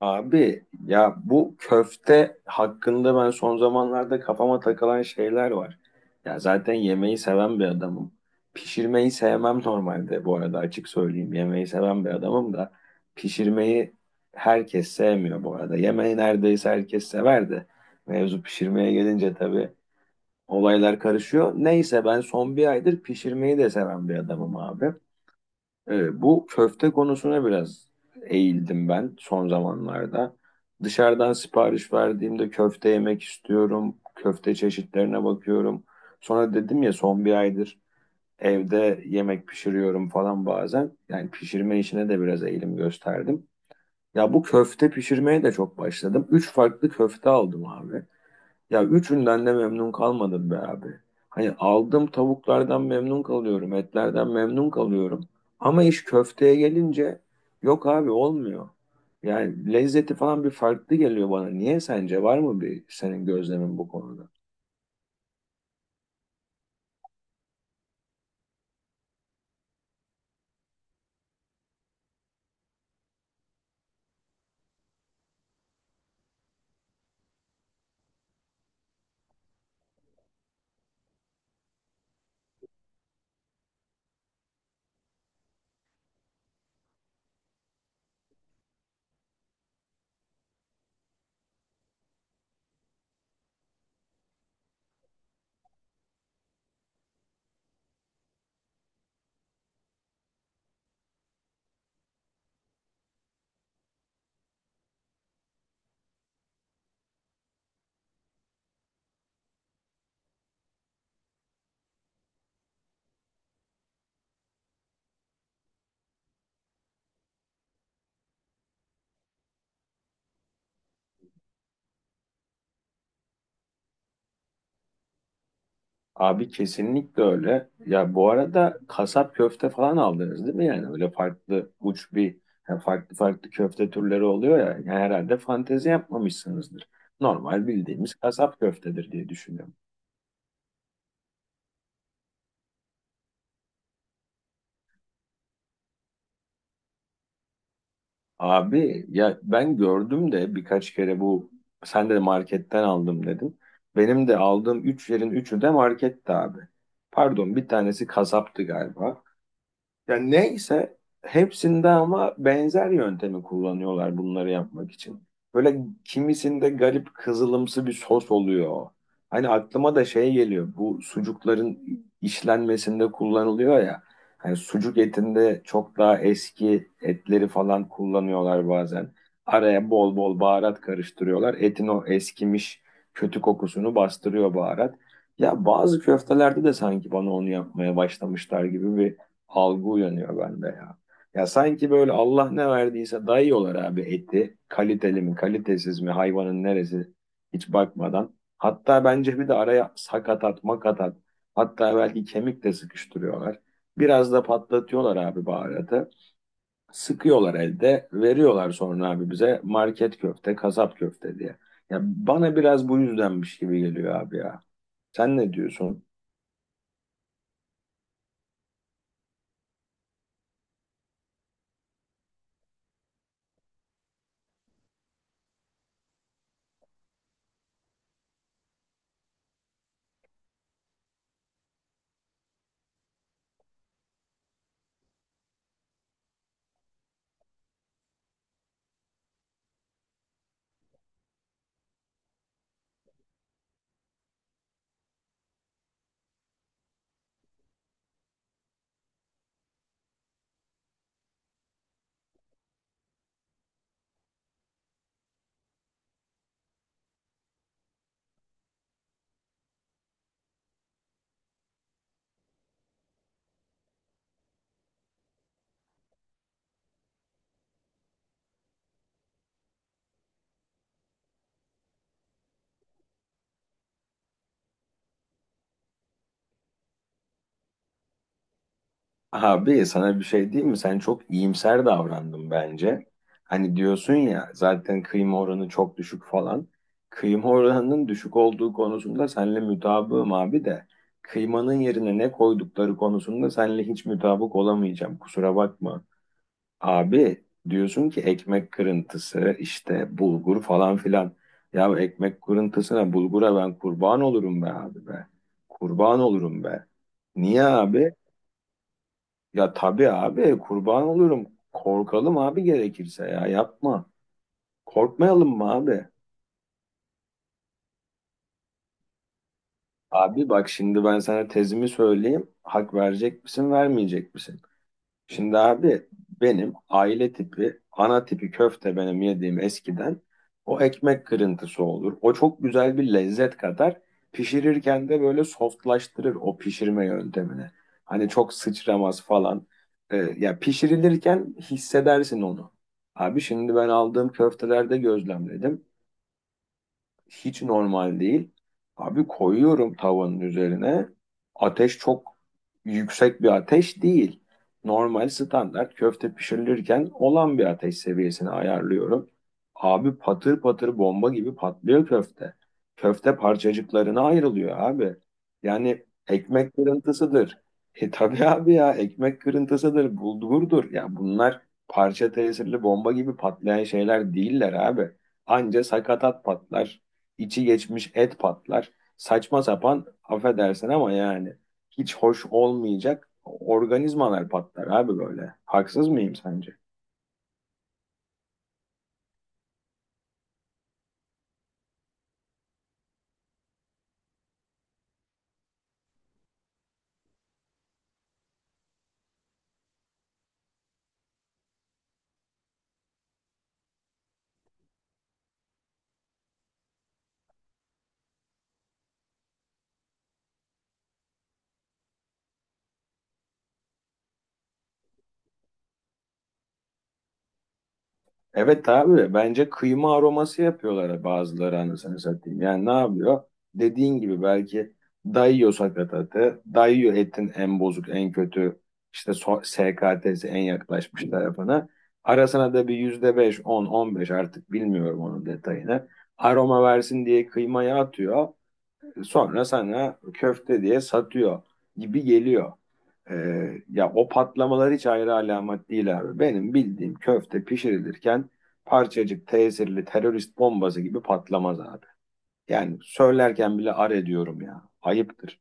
Abi ya bu köfte hakkında ben son zamanlarda kafama takılan şeyler var. Ya zaten yemeği seven bir adamım. Pişirmeyi sevmem normalde bu arada açık söyleyeyim. Yemeği seven bir adamım da pişirmeyi herkes sevmiyor bu arada. Yemeği neredeyse herkes sever de mevzu pişirmeye gelince tabii olaylar karışıyor. Neyse ben son bir aydır pişirmeyi de seven bir adamım abi. Bu köfte konusuna biraz eğildim ben son zamanlarda. Dışarıdan sipariş verdiğimde köfte yemek istiyorum. Köfte çeşitlerine bakıyorum. Sonra dedim ya son bir aydır evde yemek pişiriyorum falan bazen. Yani pişirme işine de biraz eğilim gösterdim. Ya bu köfte pişirmeye de çok başladım. Üç farklı köfte aldım abi. Ya üçünden de memnun kalmadım be abi. Hani aldığım tavuklardan memnun kalıyorum, etlerden memnun kalıyorum. Ama iş köfteye gelince yok abi olmuyor. Yani lezzeti falan bir farklı geliyor bana. Niye sence? Var mı bir senin gözlemin bu konuda? Abi kesinlikle öyle. Ya bu arada kasap köfte falan aldınız değil mi? Yani öyle farklı uç bir yani farklı farklı köfte türleri oluyor ya. Yani herhalde fantezi yapmamışsınızdır. Normal bildiğimiz kasap köftedir diye düşünüyorum. Abi ya ben gördüm de birkaç kere bu sen de marketten aldım dedin. Benim de aldığım 3 yerin üçü de marketti abi. Pardon bir tanesi kasaptı galiba. Yani neyse hepsinde ama benzer yöntemi kullanıyorlar bunları yapmak için. Böyle kimisinde garip kızılımsı bir sos oluyor. Hani aklıma da şey geliyor. Bu sucukların işlenmesinde kullanılıyor ya. Hani sucuk etinde çok daha eski etleri falan kullanıyorlar bazen. Araya bol bol baharat karıştırıyorlar. Etin o eskimiş kötü kokusunu bastırıyor baharat. Ya bazı köftelerde de sanki bana onu yapmaya başlamışlar gibi bir algı uyanıyor bende ya. Ya sanki böyle Allah ne verdiyse dayıyorlar abi eti. Kaliteli mi, kalitesiz mi, hayvanın neresi hiç bakmadan. Hatta bence bir de araya sakatat, makatat, hatta belki kemik de sıkıştırıyorlar. Biraz da patlatıyorlar abi baharatı. Sıkıyorlar elde, veriyorlar sonra abi bize market köfte, kasap köfte diye. Ya bana biraz bu yüzdenmiş gibi geliyor abi ya. Sen ne diyorsun? Abi sana bir şey diyeyim mi? Sen çok iyimser davrandın bence. Hani diyorsun ya zaten kıyma oranı çok düşük falan. Kıyma oranının düşük olduğu konusunda seninle mutabığım abi de. Kıymanın yerine ne koydukları konusunda seninle hiç mutabık olamayacağım. Kusura bakma. Abi diyorsun ki ekmek kırıntısı işte bulgur falan filan. Ya ekmek kırıntısına bulgura ben kurban olurum be abi be. Kurban olurum be. Niye abi? Ya tabii abi kurban olurum. Korkalım abi gerekirse ya yapma. Korkmayalım mı abi? Abi bak şimdi ben sana tezimi söyleyeyim. Hak verecek misin vermeyecek misin? Şimdi abi benim aile tipi, ana tipi köfte benim yediğim eskiden o ekmek kırıntısı olur. O çok güzel bir lezzet katar. Pişirirken de böyle softlaştırır o pişirme yöntemini. Hani çok sıçramaz falan. Ya pişirilirken hissedersin onu. Abi şimdi ben aldığım köftelerde gözlemledim. Hiç normal değil. Abi koyuyorum tavanın üzerine. Ateş çok yüksek bir ateş değil. Normal standart köfte pişirilirken olan bir ateş seviyesini ayarlıyorum. Abi patır patır bomba gibi patlıyor köfte. Köfte parçacıklarına ayrılıyor abi. Yani ekmek kırıntısıdır. E tabii abi ya ekmek kırıntısıdır, bulgurdur. Ya bunlar parça tesirli bomba gibi patlayan şeyler değiller abi. Anca sakatat patlar içi geçmiş et patlar. Saçma sapan affedersin ama yani hiç hoş olmayacak organizmalar patlar abi böyle. Haksız mıyım sence? Evet abi bence kıyma aroması yapıyorlar bazıları anasını satayım. Yani ne yapıyor? Dediğin gibi belki dayıyor sakatatı, dayıyor etin en bozuk, en kötü işte SKT'si en yaklaşmış tarafına. Arasına da bir %5, 10, 15 artık bilmiyorum onun detayını aroma versin diye kıymaya atıyor. Sonra sana köfte diye satıyor gibi geliyor. Ya o patlamalar hiç ayrı alamet değil abi. Benim bildiğim köfte pişirilirken parçacık tesirli terörist bombası gibi patlamaz abi. Yani söylerken bile ar ediyorum ya. Ayıptır.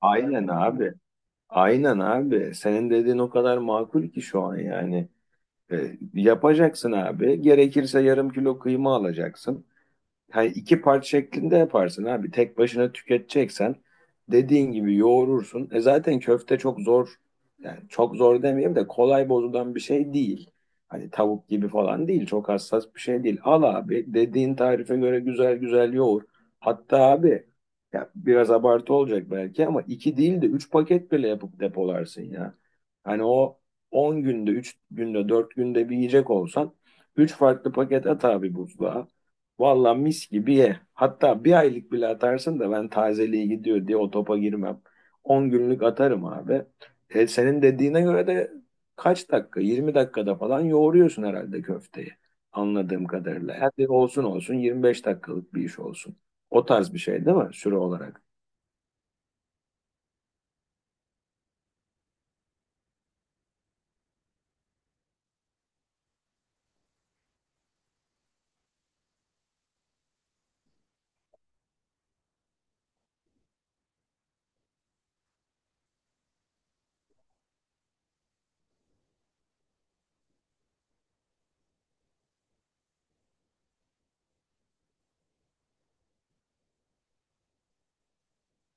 Aynen abi. Aynen abi. Senin dediğin o kadar makul ki şu an yani. Yapacaksın abi. Gerekirse yarım kilo kıyma alacaksın. Yani iki parça şeklinde yaparsın abi. Tek başına tüketeceksen dediğin gibi yoğurursun. Zaten köfte çok zor yani çok zor demeyeyim de kolay bozulan bir şey değil. Hani tavuk gibi falan değil. Çok hassas bir şey değil. Al abi dediğin tarife göre güzel güzel yoğur. Hatta abi ya biraz abartı olacak belki ama iki değil de üç paket bile yapıp depolarsın ya. Hani o 10 günde, 3 günde, 4 günde bir yiyecek olsan 3 farklı paket at abi buzluğa. Valla mis gibi ye. Hatta bir aylık bile atarsın da ben tazeliğe gidiyor diye o topa girmem. 10 günlük atarım abi. Senin dediğine göre de kaç dakika? 20 dakikada falan yoğuruyorsun herhalde köfteyi. Anladığım kadarıyla. Hadi olsun 25 dakikalık bir iş olsun. O tarz bir şey değil mi? Süre olarak.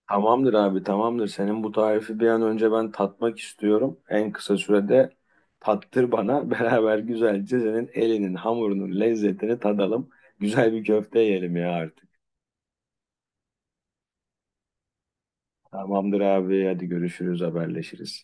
Tamamdır abi tamamdır. Senin bu tarifi bir an önce ben tatmak istiyorum. En kısa sürede tattır bana. Beraber güzelce senin elinin hamurunun lezzetini tadalım. Güzel bir köfte yiyelim ya artık. Tamamdır abi hadi görüşürüz haberleşiriz.